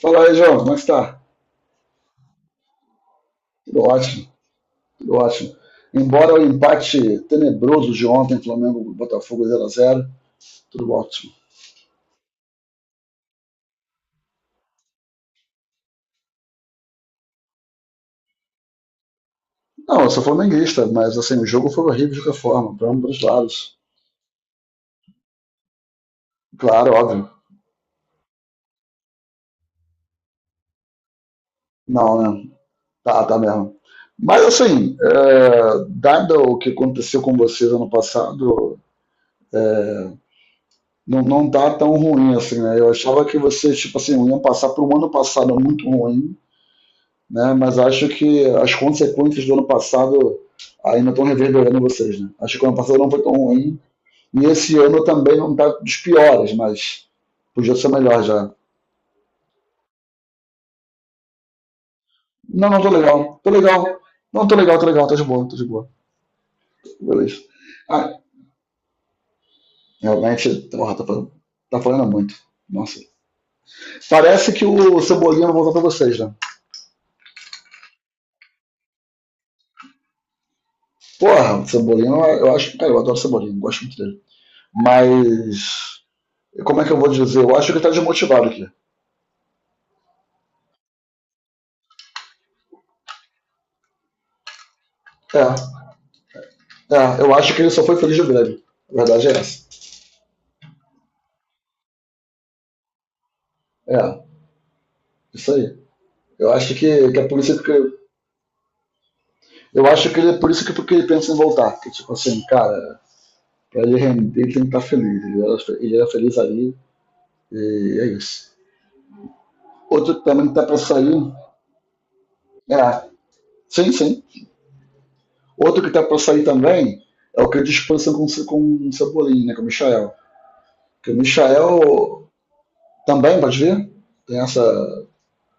Fala aí, João, como é que está? Tudo ótimo, tudo ótimo. Embora o empate tenebroso de ontem, Flamengo Botafogo zero a zero, tudo ótimo. Não, eu sou flamenguista, mas assim, o jogo foi horrível de qualquer forma, para ambos os lados. Claro, óbvio. Não, né? Tá, tá mesmo. Mas assim, dado o que aconteceu com vocês ano passado, é, não, não tá tão ruim assim, né? Eu achava que vocês, tipo assim, iam passar por um ano passado muito ruim né? Mas acho que as consequências do ano passado ainda estão reverberando em vocês, né? Acho que o ano passado não foi tão ruim e esse ano também não está dos piores, mas podia ser melhor já. Não, não tô legal, tô legal, não tô legal, tô legal, tá de boa, beleza. Ah, realmente, porra, tá, tá falando muito. Nossa. Parece que o Cebolinha vai voltar pra vocês, né? Porra, o Cebolinha, eu acho. Cara, eu adoro o Cebolinha, gosto muito dele. Mas. Como é que eu vou dizer? Eu acho que ele tá desmotivado aqui. É, É, eu acho que ele só foi feliz no Grêmio. A verdade é essa. É, isso aí. Eu acho que é por isso que. Eu acho que ele é por isso que porque ele pensa em voltar. Que tipo assim, cara, pra ele render, ele tem que estar feliz. Ele era feliz ali e é isso. Outro que também tá pra sair. É, sim, sim. Outro que tá pra sair também é o que é disposição com o Cebolinha, né? Com o Michael. Porque o Michael também, pode ver? Tem essa.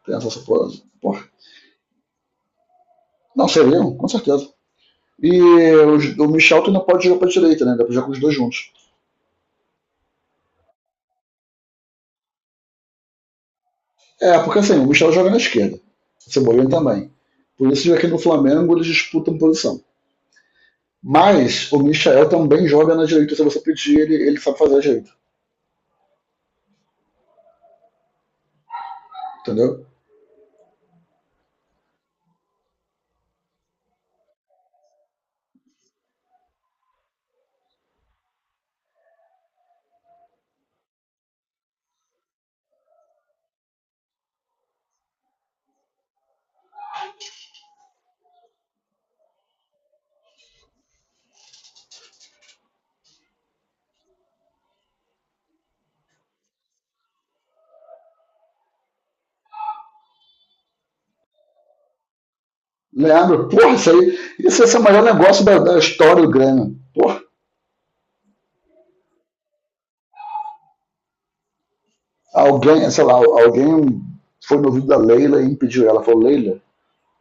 Tem essa suposição. Porra. Não, seriam, com certeza. E o Michel tu não pode jogar para a direita, né? Dá para jogar com os dois juntos. É, porque assim, o Michel joga na esquerda. O Cebolinha também. Por isso aqui no Flamengo eles disputam posição. Mas o Michel também joga na direita. Se você pedir, ele sabe fazer a direita. Entendeu? Leandro, porra, isso aí. Isso esse é o maior negócio da história do Grêmio. Porra, alguém foi no ouvido da Leila e impediu ela. Falou, Leila,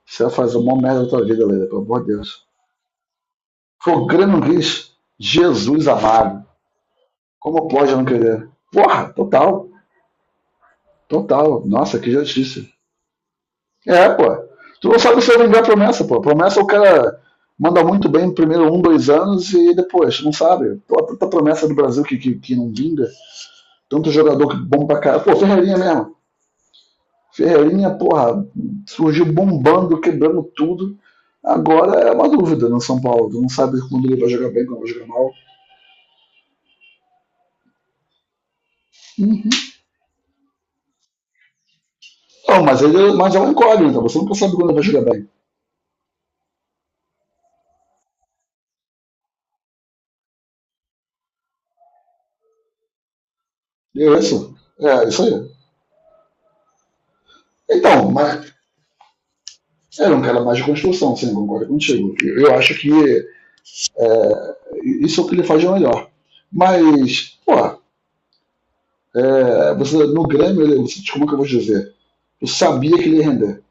você vai fazer uma merda da tua vida, Leila, pelo amor de Deus. Foi o Grêmio Riz, Jesus amado. Como pode não querer? Porra, total, total. Nossa, que justiça. É, pô. Tu não sabe se vai vingar a promessa, pô. Promessa o cara manda muito bem no primeiro um, dois anos e depois, tu não sabe. Pô, tanta promessa do Brasil que não vinga. Tanto jogador que bom pra caralho. Pô, Ferreirinha mesmo. Ferreirinha, porra, surgiu bombando, quebrando tudo. Agora é uma dúvida no São Paulo. Tu não sabe quando ele vai jogar bem, quando vai jogar mal. Não, mas é um incógnita. Você nunca sabe quando ele vai jogar bem. E é isso. É, isso aí. Então, mas era um cara mais de construção, sim, concordo contigo. Eu acho que é, isso é o que ele faz de melhor. Mas, pô, é, você, no Grêmio, ele, você, como é que eu vou dizer? Tu sabia que ele ia render.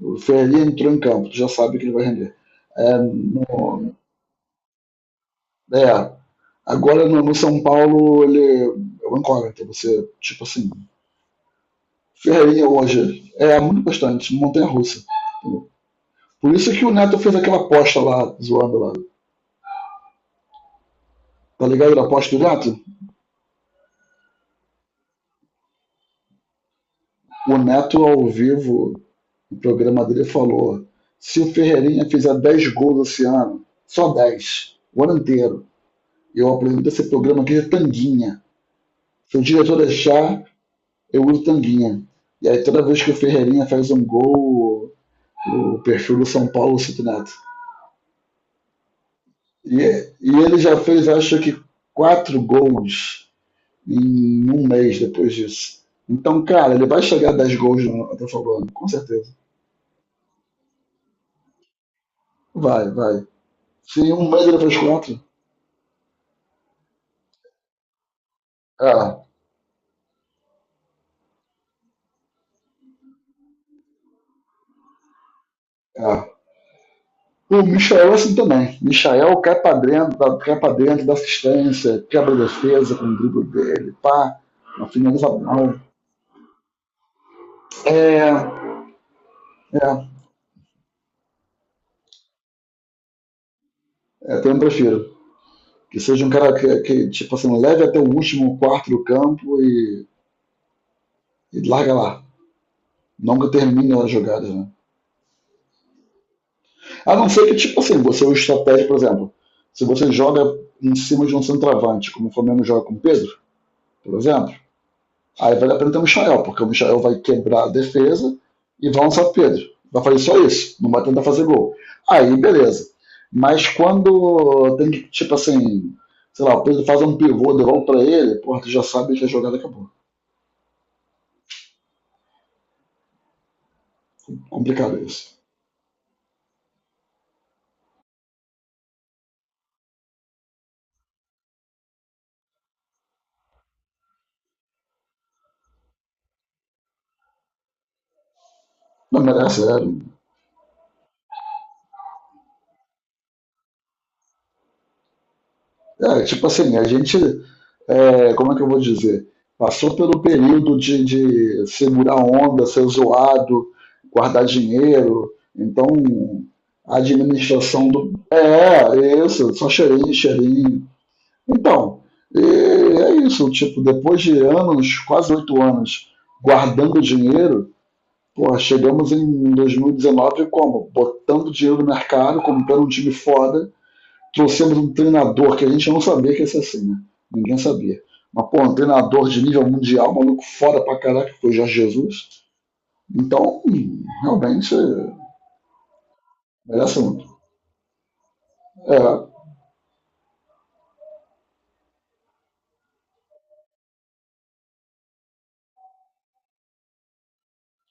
O Ferreira entrou em campo, tu já sabe que ele vai render. É, no, é, agora no São Paulo, ele é um incógnito. Ferreirinha hoje é muito bastante, montanha russa. Por isso que o Neto fez aquela aposta lá, zoando lá. Tá ligado da aposta do Neto? O Neto ao vivo no programa dele falou: se o Ferreirinha fizer 10 gols esse ano, só 10 o ano inteiro, eu apresento esse programa aqui de tanguinha. Se o diretor deixar, eu uso tanguinha. E aí toda vez que o Ferreirinha faz um gol, o perfil do São Paulo cita o Neto. E, e ele já fez, acho que, 4 gols em um mês depois disso. Então, cara, ele vai chegar a 10 gols no Atlético Falando, com certeza. Vai, vai. Se em um mês ele fez quatro, É, é. O Michael é assim também. Michael cai pra dentro, cai pra dentro, dá assistência, quebra a defesa com o drible dele, pá. Não finaliza mal. É, é, também prefiro. Que seja um cara tipo assim, leve até o último quarto do campo e larga lá. Não que termine as jogadas, né? A não ser que, tipo assim, você é o estratégia, por exemplo, se você joga em cima de um centroavante, como o Flamengo joga com o Pedro, por exemplo, aí vale a pena ter o Michael, porque o Michael vai quebrar a defesa e vai lançar o Pedro. Vai fazer só isso, não vai tentar fazer gol. Aí, beleza. Mas quando tem que, tipo assim, sei lá, o Pedro faz um pivô, devolve pra ele, porra, tu já sabe que a jogada acabou. Complicado isso. Não merece, tipo assim, a gente como é que eu vou dizer? Passou pelo período de segurar onda, ser zoado, guardar dinheiro. Então, a administração do. É, isso, só cheirinho, cheirinho. Então, é isso, tipo, depois de anos, quase 8 anos, guardando dinheiro, pô, chegamos em 2019 como? Botando dinheiro no mercado, comprando um time foda, trouxemos um treinador que a gente não sabia que ia ser assim, né? Ninguém sabia. Mas, pô, um treinador de nível mundial, maluco foda pra caraca, que foi o Jorge Jesus. Então, realmente, merece muito. É,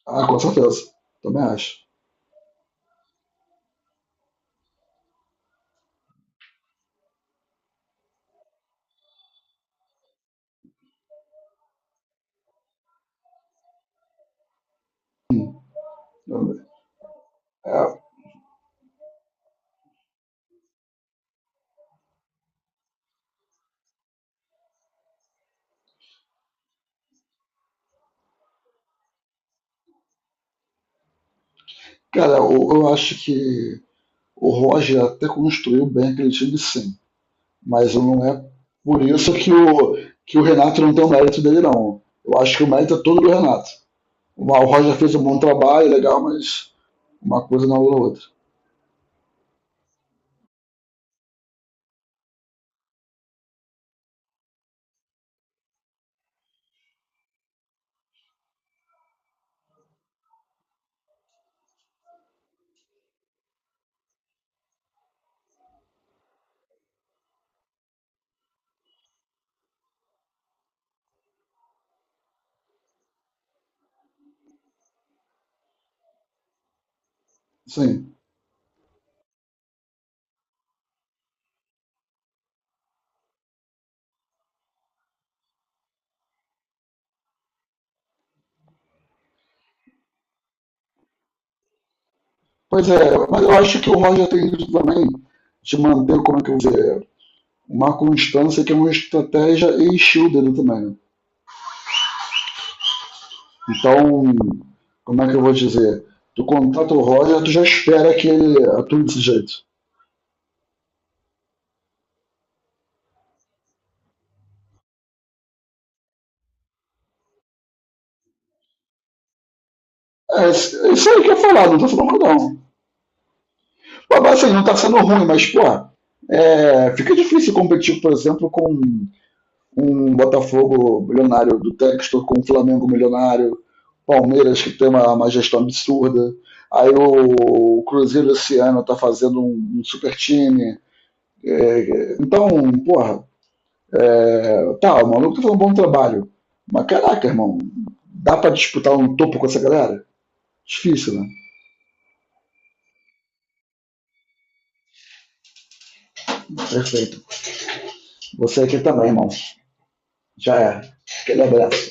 ah, com certeza. Também acho. É, cara, acho que o Roger até construiu bem aquele time, sim. Mas não é por isso que que o Renato não tem o mérito dele, não. Eu acho que o mérito é todo do Renato. O Roger fez um bom trabalho, legal, mas uma coisa não anula a outra. Sim. Pois é, mas eu acho que o Roger tem isso também, de manter, como é que eu vou dizer, uma constância que é uma estratégia e estilo dele também. Então, como é que eu vou dizer? Tu contrata o Roger, tu já espera que ele atue desse jeito. É isso aí que eu falar, não tô falando que não. Pô, mas assim, não tá sendo ruim, mas, pô, fica difícil competir, por exemplo, com um Botafogo milionário do Textor com o Flamengo milionário, Palmeiras que tem uma gestão absurda. Aí o Cruzeiro esse ano tá fazendo um super time. Então, porra, é, tá, o maluco tá fazendo um bom trabalho. Mas caraca, irmão, dá pra disputar um topo com essa galera? Difícil, né? Perfeito. Você aqui também, irmão. Já é. Aquele abraço.